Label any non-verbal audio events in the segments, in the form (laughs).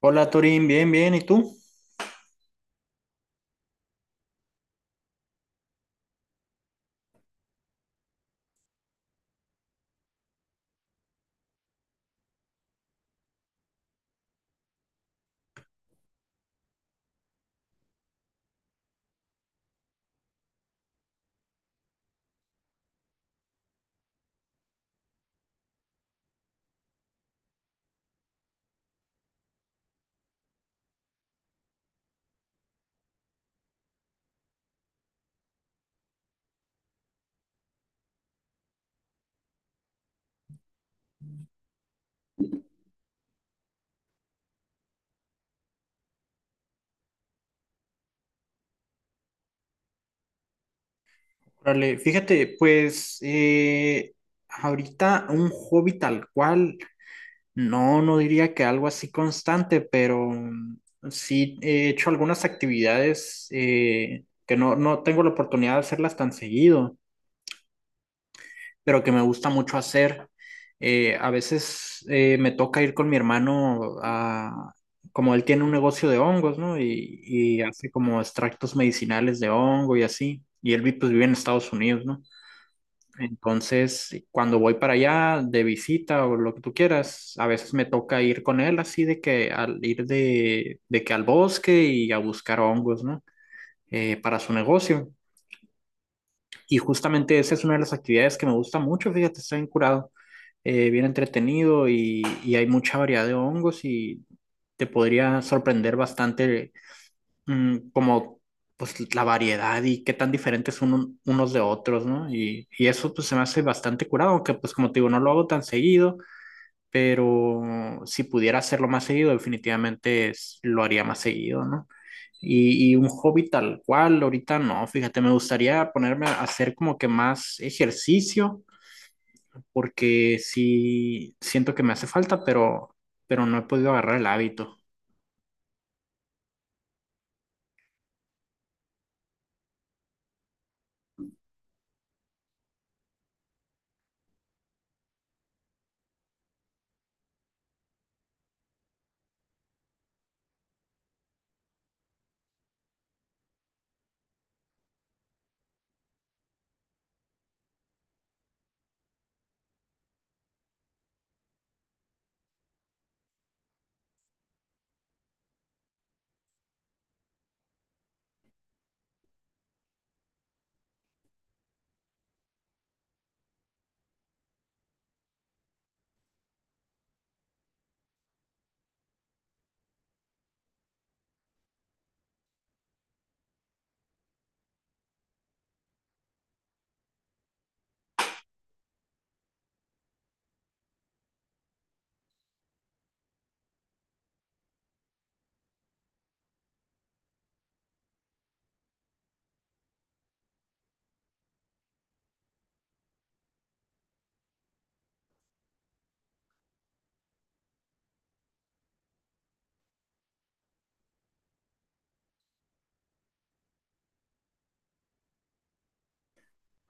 Hola Torín, bien, bien, ¿y tú? Órale, fíjate, pues ahorita un hobby tal cual, no, no diría que algo así constante, pero sí he hecho algunas actividades que no, no tengo la oportunidad de hacerlas tan seguido, pero que me gusta mucho hacer. A veces me toca ir con mi hermano como él tiene un negocio de hongos, ¿no? Y hace como extractos medicinales de hongo y así. Y él pues, vive en Estados Unidos, ¿no? Entonces, cuando voy para allá de visita o lo que tú quieras, a veces me toca ir con él así de que al ir de que al bosque y a buscar hongos, ¿no? Para su negocio. Y justamente esa es una de las actividades que me gusta mucho, fíjate, está bien curado, bien entretenido y hay mucha variedad de hongos y te podría sorprender bastante, como pues la variedad y qué tan diferentes son unos de otros, ¿no? Y eso pues se me hace bastante curado, aunque pues como te digo, no lo hago tan seguido, pero si pudiera hacerlo más seguido, definitivamente lo haría más seguido, ¿no? Y un hobby tal cual, ahorita no, fíjate, me gustaría ponerme a hacer como que más ejercicio, porque sí siento que me hace falta, pero no he podido agarrar el hábito.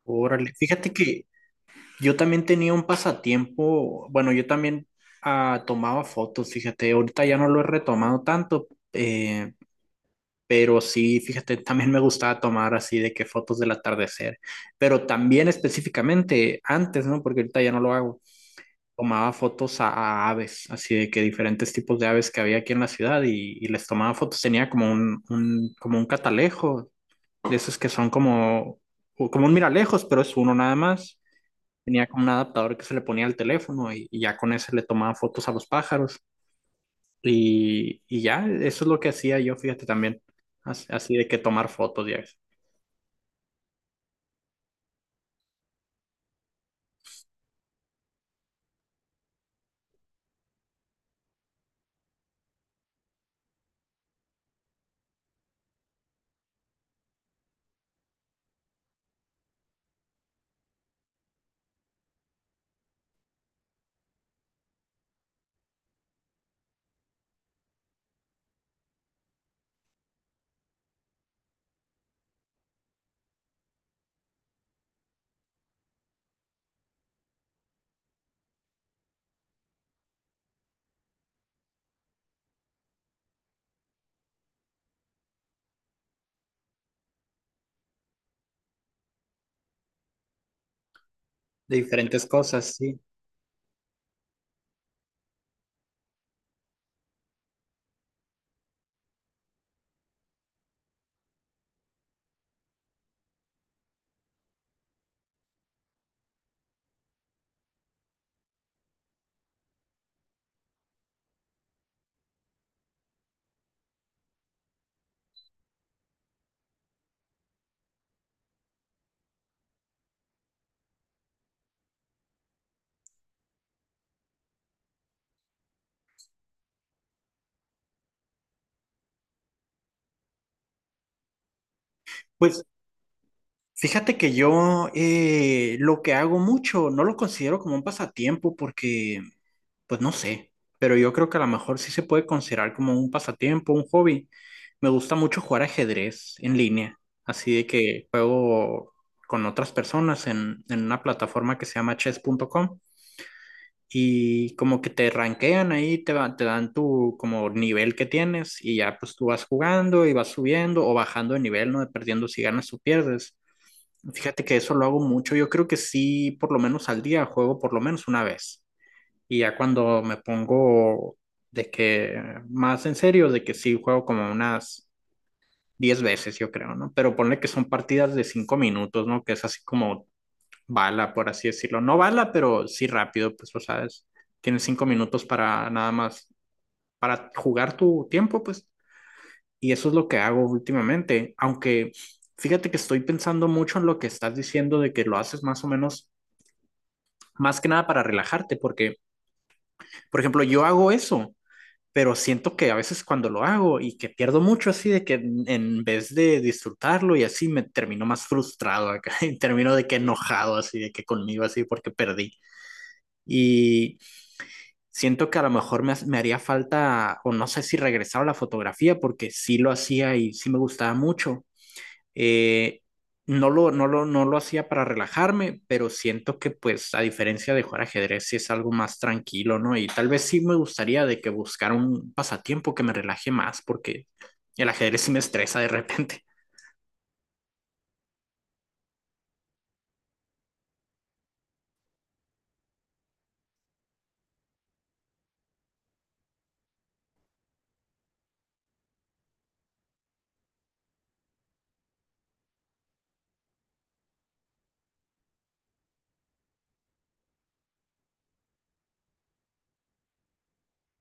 Órale, fíjate que yo también tenía un pasatiempo, bueno, yo también tomaba fotos, fíjate, ahorita ya no lo he retomado tanto, eh, pero sí, fíjate, también me gustaba tomar así de que fotos del atardecer, pero también específicamente antes, ¿no? Porque ahorita ya no lo hago. Tomaba fotos a aves, así de que diferentes tipos de aves que había aquí en la ciudad y les tomaba fotos. Tenía como como un catalejo, de esos que son como un miralejos, pero es uno nada más. Tenía como un adaptador que se le ponía al teléfono y ya con ese le tomaba fotos a los pájaros. Y ya, eso es lo que hacía yo, fíjate también, así, de que tomar fotos ya, de diferentes cosas, sí. Pues, fíjate que yo, lo que hago mucho no lo considero como un pasatiempo porque, pues no sé, pero yo creo que a lo mejor sí se puede considerar como un pasatiempo, un hobby. Me gusta mucho jugar ajedrez en línea, así de que juego con otras personas en una plataforma que se llama chess.com, y como que te rankean ahí, te dan tu como nivel que tienes y ya pues tú vas jugando y vas subiendo o bajando de nivel, ¿no? Dependiendo si ganas o pierdes. Fíjate que eso lo hago mucho, yo creo que sí, por lo menos al día juego por lo menos una vez. Y ya cuando me pongo de que más en serio, de que sí juego como unas 10 veces, yo creo, ¿no? Pero ponle que son partidas de 5 minutos, ¿no? Que es así como bala, por así decirlo. No bala, pero sí rápido, pues, o sabes, tienes 5 minutos para nada más, para jugar tu tiempo, pues. Y eso es lo que hago últimamente, aunque fíjate que estoy pensando mucho en lo que estás diciendo de que lo haces más o menos, más que nada para relajarte, porque, por ejemplo, yo hago eso, pero siento que a veces cuando lo hago y que pierdo mucho así de que en vez de disfrutarlo y así me termino más frustrado acá (laughs) y termino de que enojado así de que conmigo así porque perdí, y siento que a lo mejor me haría falta o no sé si regresar a la fotografía porque sí lo hacía y sí me gustaba mucho, eh, no lo hacía para relajarme, pero siento que pues a diferencia de jugar ajedrez sí es algo más tranquilo, ¿no? Y tal vez sí me gustaría de que buscar un pasatiempo que me relaje más porque el ajedrez (laughs) sí me estresa de repente.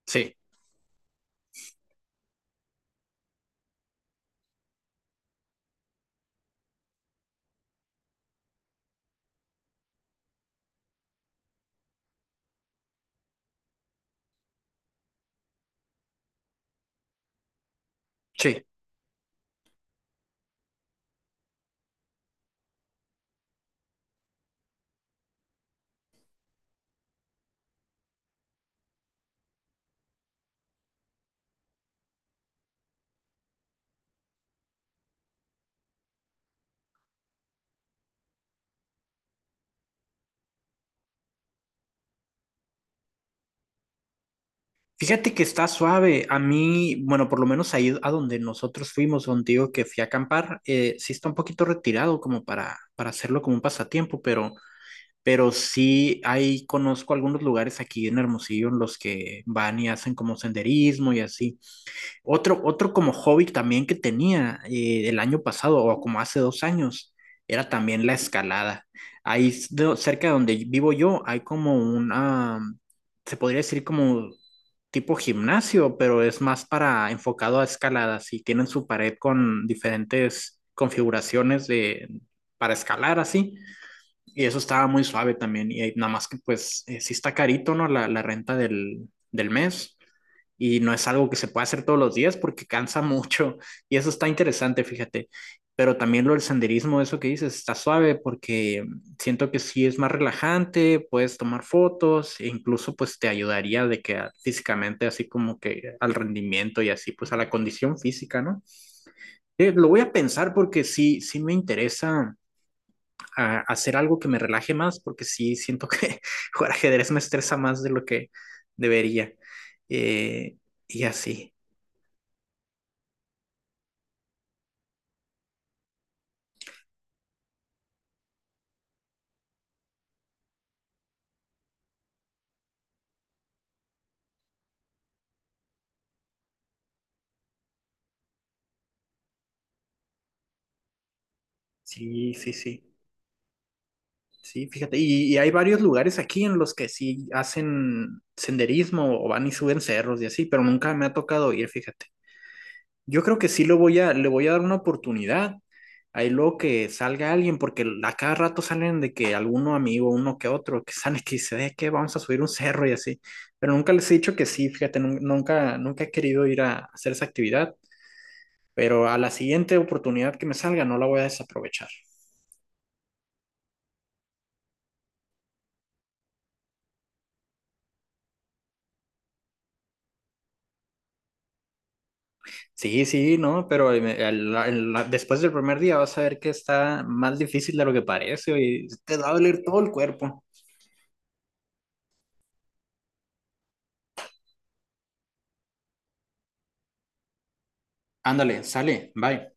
Sí, sí. Fíjate que está suave. A mí, bueno, por lo menos ahí a donde nosotros fuimos, contigo que fui a acampar, sí está un poquito retirado como para hacerlo como un pasatiempo, pero sí ahí conozco algunos lugares aquí en Hermosillo en los que van y hacen como senderismo y así. Otro, otro como hobby también que tenía, el año pasado o como hace 2 años era también la escalada. Cerca de donde vivo yo hay como una, se podría decir como tipo gimnasio, pero es más para enfocado a escaladas y tienen su pared con diferentes configuraciones de, para escalar así. Y eso estaba muy suave también. Y nada más que pues, sí está carito, ¿no? La renta del mes. Y no es algo que se pueda hacer todos los días porque cansa (laughs) mucho. Y eso está interesante, fíjate. Pero también lo del senderismo, eso que dices, está suave porque siento que sí es más relajante, puedes tomar fotos e incluso pues te ayudaría de que físicamente así como que al rendimiento y así pues a la condición física, ¿no? Lo voy a pensar porque sí, sí me interesa a hacer algo que me relaje más, porque sí siento que (laughs) jugar ajedrez me estresa más de lo que debería. Eh, y así, sí, sí, sí. Sí, fíjate, y hay varios lugares aquí en los que sí hacen senderismo o van y suben cerros y así, pero nunca me ha tocado ir, fíjate. Yo creo que sí lo le voy a dar una oportunidad. Ahí luego que salga alguien, porque a cada rato salen de que alguno amigo, uno que otro, que (laughs) sale que dice, que vamos a subir un cerro y así". Pero nunca les he dicho que sí, fíjate, nunca, nunca he querido ir a hacer esa actividad, pero a la siguiente oportunidad que me salga no la voy a desaprovechar. Sí, sí, no, pero después del primer día vas a ver que está más difícil de lo que parece y te va a doler todo el cuerpo. Ándale, sale, bye.